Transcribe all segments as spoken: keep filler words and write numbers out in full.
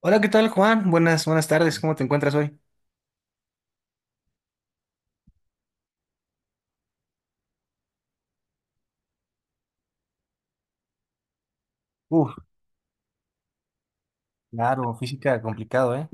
Hola, ¿qué tal, Juan? Buenas, buenas tardes. ¿Cómo te encuentras hoy? Uf, claro, física complicado, ¿eh?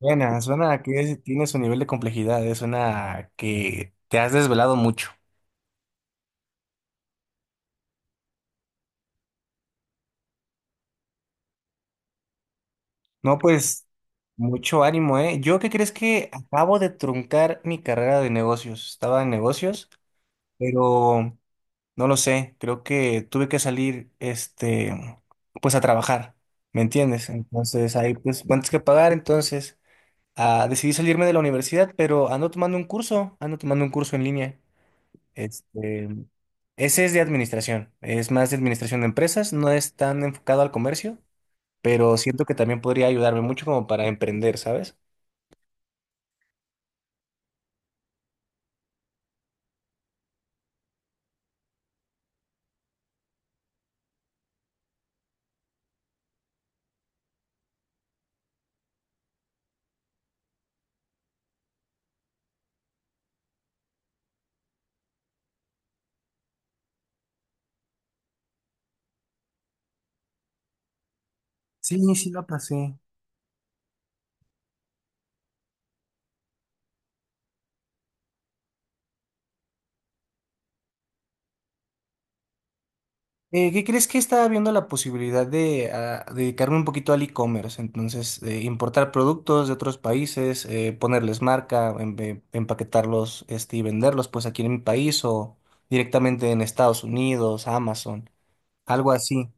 Buena, suena a que es- tiene su nivel de complejidad, eh, suena a que te has desvelado mucho. No, pues, mucho ánimo, ¿eh? ¿Yo qué crees que acabo de truncar mi carrera de negocios? Estaba en negocios, pero no lo sé, creo que tuve que salir, este, pues a trabajar, ¿me entiendes? Entonces, hay pues cuentas que pagar, entonces... Ah, decidí salirme de la universidad, pero ando tomando un curso, ando tomando un curso en línea. Este, ese es de administración, es más de administración de empresas, no es tan enfocado al comercio, pero siento que también podría ayudarme mucho como para emprender, ¿sabes? Sí, sí la pasé. Eh, ¿qué crees que estaba viendo la posibilidad de ah, dedicarme un poquito al e-commerce? Entonces, eh, importar productos de otros países, eh, ponerles marca, em- em- empaquetarlos, este, y venderlos pues aquí en mi país o directamente en Estados Unidos, Amazon, algo así.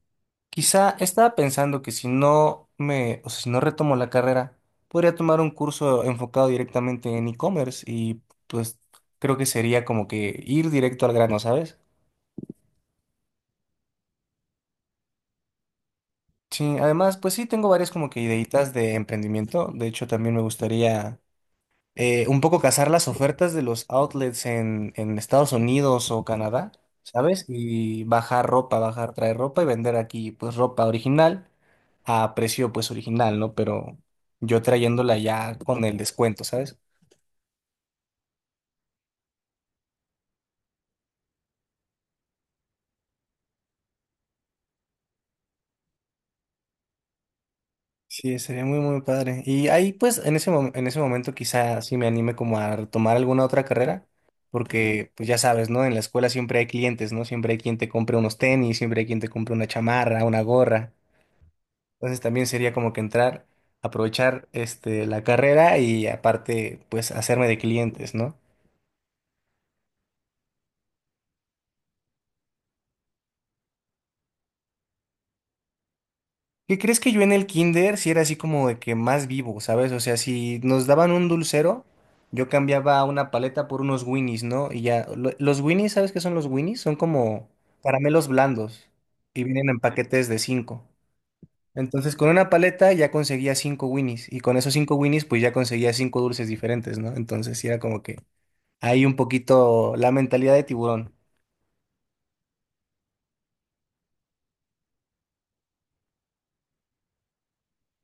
Quizá estaba pensando que si no me, o sea, si no retomo la carrera, podría tomar un curso enfocado directamente en e-commerce y pues creo que sería como que ir directo al grano, ¿sabes? Sí, además, pues sí, tengo varias como que ideitas de emprendimiento. De hecho, también me gustaría eh, un poco cazar las ofertas de los outlets en, en Estados Unidos o Canadá, ¿sabes? Y bajar ropa, bajar, traer ropa y vender aquí, pues, ropa original a precio, pues, original, ¿no? Pero yo trayéndola ya con el descuento, ¿sabes? Sí, sería muy, muy padre. Y ahí, pues, en ese, mom- en ese momento quizá sí me anime como a tomar alguna otra carrera, porque, pues, ya sabes, ¿no? En la escuela siempre hay clientes, ¿no? Siempre hay quien te compre unos tenis, siempre hay quien te compre una chamarra, una gorra. Entonces también sería como que entrar, aprovechar, este, la carrera y aparte, pues, hacerme de clientes, ¿no? ¿Qué crees que yo en el kinder sí era así como de que más vivo, ¿sabes? O sea, si nos daban un dulcero, yo cambiaba una paleta por unos Winnies, ¿no? Y ya, lo- los Winnies, ¿sabes qué son los Winnies? Son como caramelos blandos y vienen en paquetes de cinco. Entonces, con una paleta ya conseguía cinco Winnies y con esos cinco Winnies pues ya conseguía cinco dulces diferentes, ¿no? Entonces, sí era como que ahí un poquito la mentalidad de tiburón.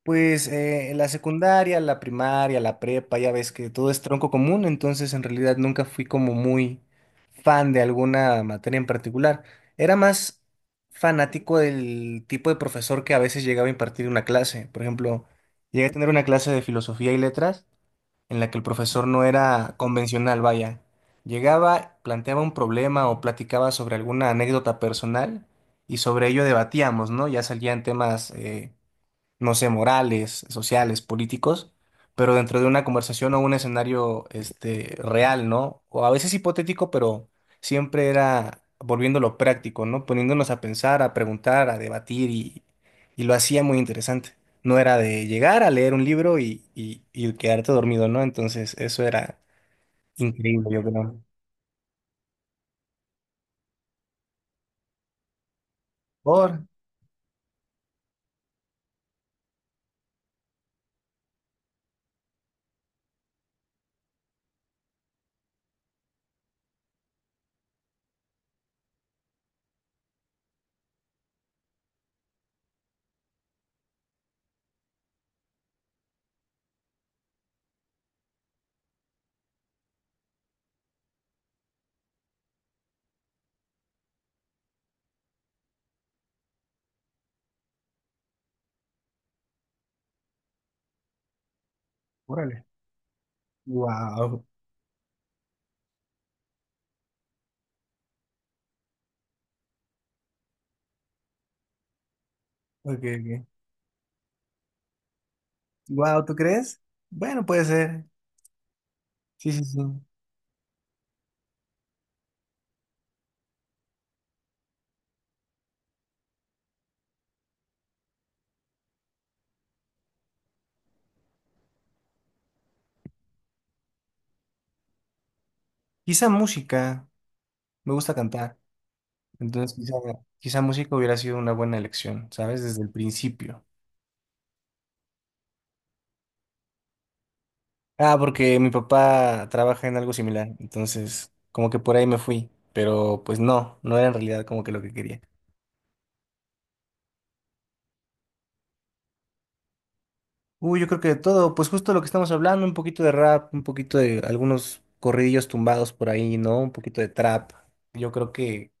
Pues eh, la secundaria, la primaria, la prepa, ya ves que todo es tronco común, entonces en realidad nunca fui como muy fan de alguna materia en particular. Era más fanático del tipo de profesor que a veces llegaba a impartir una clase. Por ejemplo, llegué a tener una clase de filosofía y letras en la que el profesor no era convencional, vaya. Llegaba, planteaba un problema o platicaba sobre alguna anécdota personal y sobre ello debatíamos, ¿no? Ya salían temas... eh, no sé, morales, sociales, políticos, pero dentro de una conversación o un escenario este, real, ¿no? O a veces hipotético, pero siempre era volviéndolo práctico, ¿no? Poniéndonos a pensar, a preguntar, a debatir y, y lo hacía muy interesante. No era de llegar a leer un libro y, y, y quedarte dormido, ¿no? Entonces, eso era increíble, yo creo. Por, órale. Wow. Ok, ok. Wow, ¿tú crees? Bueno, puede ser. Sí, sí, sí. Quizá música. Me gusta cantar, entonces quizá, quizá música hubiera sido una buena elección, ¿sabes? Desde el principio. Ah, porque mi papá trabaja en algo similar, entonces como que por ahí me fui, pero pues no, no era en realidad como que lo que quería. Uy, yo creo que de todo, pues justo lo que estamos hablando, un poquito de rap, un poquito de algunos corridillos tumbados por ahí, ¿no? Un poquito de trap. Yo creo que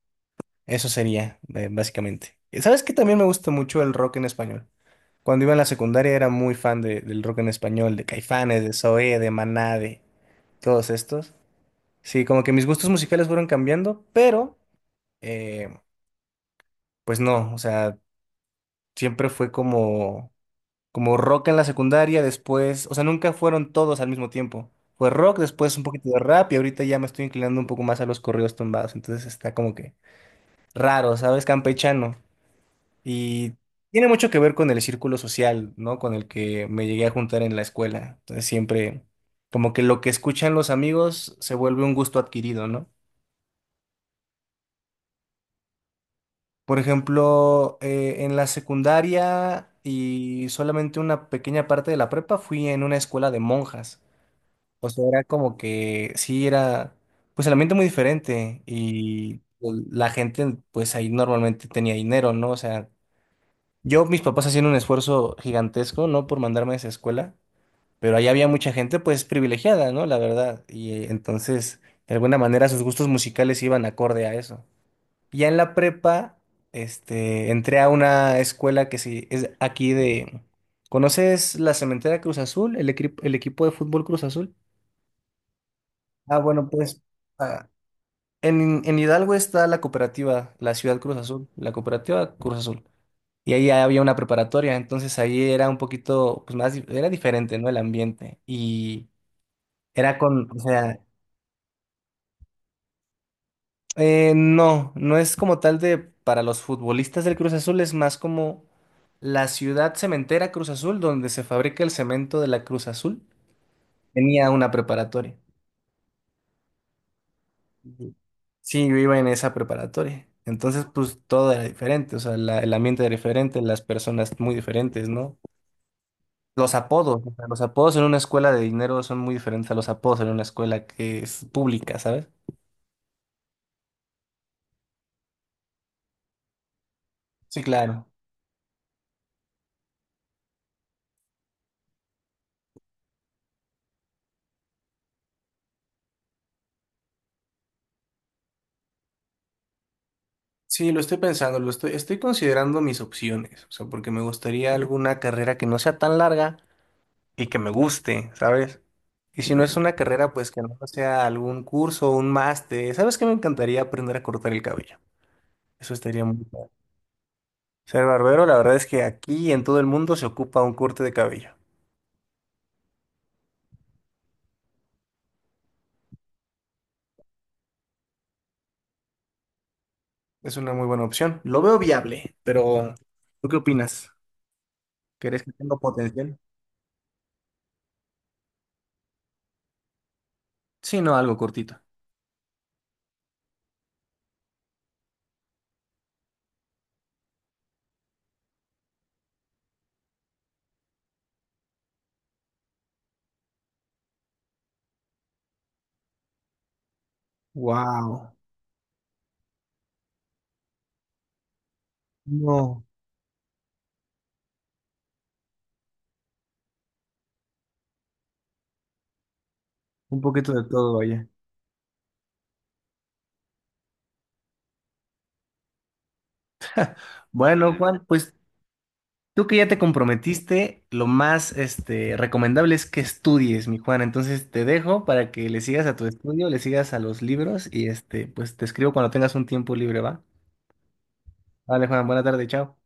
eso sería, eh, básicamente. ¿Sabes qué? También me gusta mucho el rock en español. Cuando iba en la secundaria era muy fan de- del rock en español, de Caifanes, de Zoé, de Maná, de todos estos. Sí, como que mis gustos musicales fueron cambiando, pero eh, pues no, o sea, siempre fue como, como rock en la secundaria, después, o sea, nunca fueron todos al mismo tiempo. Fue rock, después un poquito de rap y ahorita ya me estoy inclinando un poco más a los corridos tumbados, entonces está como que raro, ¿sabes? Campechano. Y tiene mucho que ver con el círculo social, ¿no? Con el que me llegué a juntar en la escuela. Entonces siempre, como que lo que escuchan los amigos se vuelve un gusto adquirido, ¿no? Por ejemplo, eh, en la secundaria y solamente una pequeña parte de la prepa fui en una escuela de monjas. O sea, era como que sí era, pues el ambiente muy diferente y pues, la gente, pues ahí normalmente tenía dinero, ¿no? O sea, yo, mis papás hacían un esfuerzo gigantesco, ¿no? Por mandarme a esa escuela. Pero ahí había mucha gente pues privilegiada, ¿no? La verdad. Y eh, entonces, de alguna manera, sus gustos musicales iban acorde a eso. Ya en la prepa, este, entré a una escuela que sí, es aquí de... ¿Conoces la Cementera Cruz Azul? ¿El, equipo el equipo de fútbol Cruz Azul? Ah, bueno, pues ah, en, en Hidalgo está la cooperativa, la Ciudad Cruz Azul, la cooperativa Cruz Azul. Y ahí había una preparatoria, entonces ahí era un poquito, pues más, di- era diferente, ¿no? El ambiente. Y era con, o sea, Eh, no, no es como tal de para los futbolistas del Cruz Azul, es más como la ciudad cementera Cruz Azul, donde se fabrica el cemento de la Cruz Azul. Tenía una preparatoria. Ujú. Sí, yo iba en esa preparatoria. Entonces, pues todo era diferente, o sea, la- el ambiente era diferente, las personas muy diferentes, ¿no? Los apodos, o sea, los apodos en una escuela de dinero son muy diferentes a los apodos en una escuela que es pública, ¿sabes? Sí, claro. Sí, lo estoy pensando, lo estoy, estoy considerando mis opciones, o sea, porque me gustaría alguna carrera que no sea tan larga y que me guste, ¿sabes? Y si no es una carrera, pues que no sea algún curso o un máster. ¿Sabes qué? Me encantaría aprender a cortar el cabello. Eso estaría muy padre. Ser barbero, la verdad es que aquí en todo el mundo se ocupa un corte de cabello. Es una muy buena opción. Lo veo viable, pero ¿tú qué opinas? ¿Crees que tengo potencial? Sí, no, algo cortito. Wow. No, un poquito de todo. Bueno, Juan, pues tú que ya te comprometiste, lo más este, recomendable es que estudies, mi Juan. Entonces te dejo para que le sigas a tu estudio, le sigas a los libros y este, pues te escribo cuando tengas un tiempo libre, ¿va? Vale, Juan, buena tarde, chao.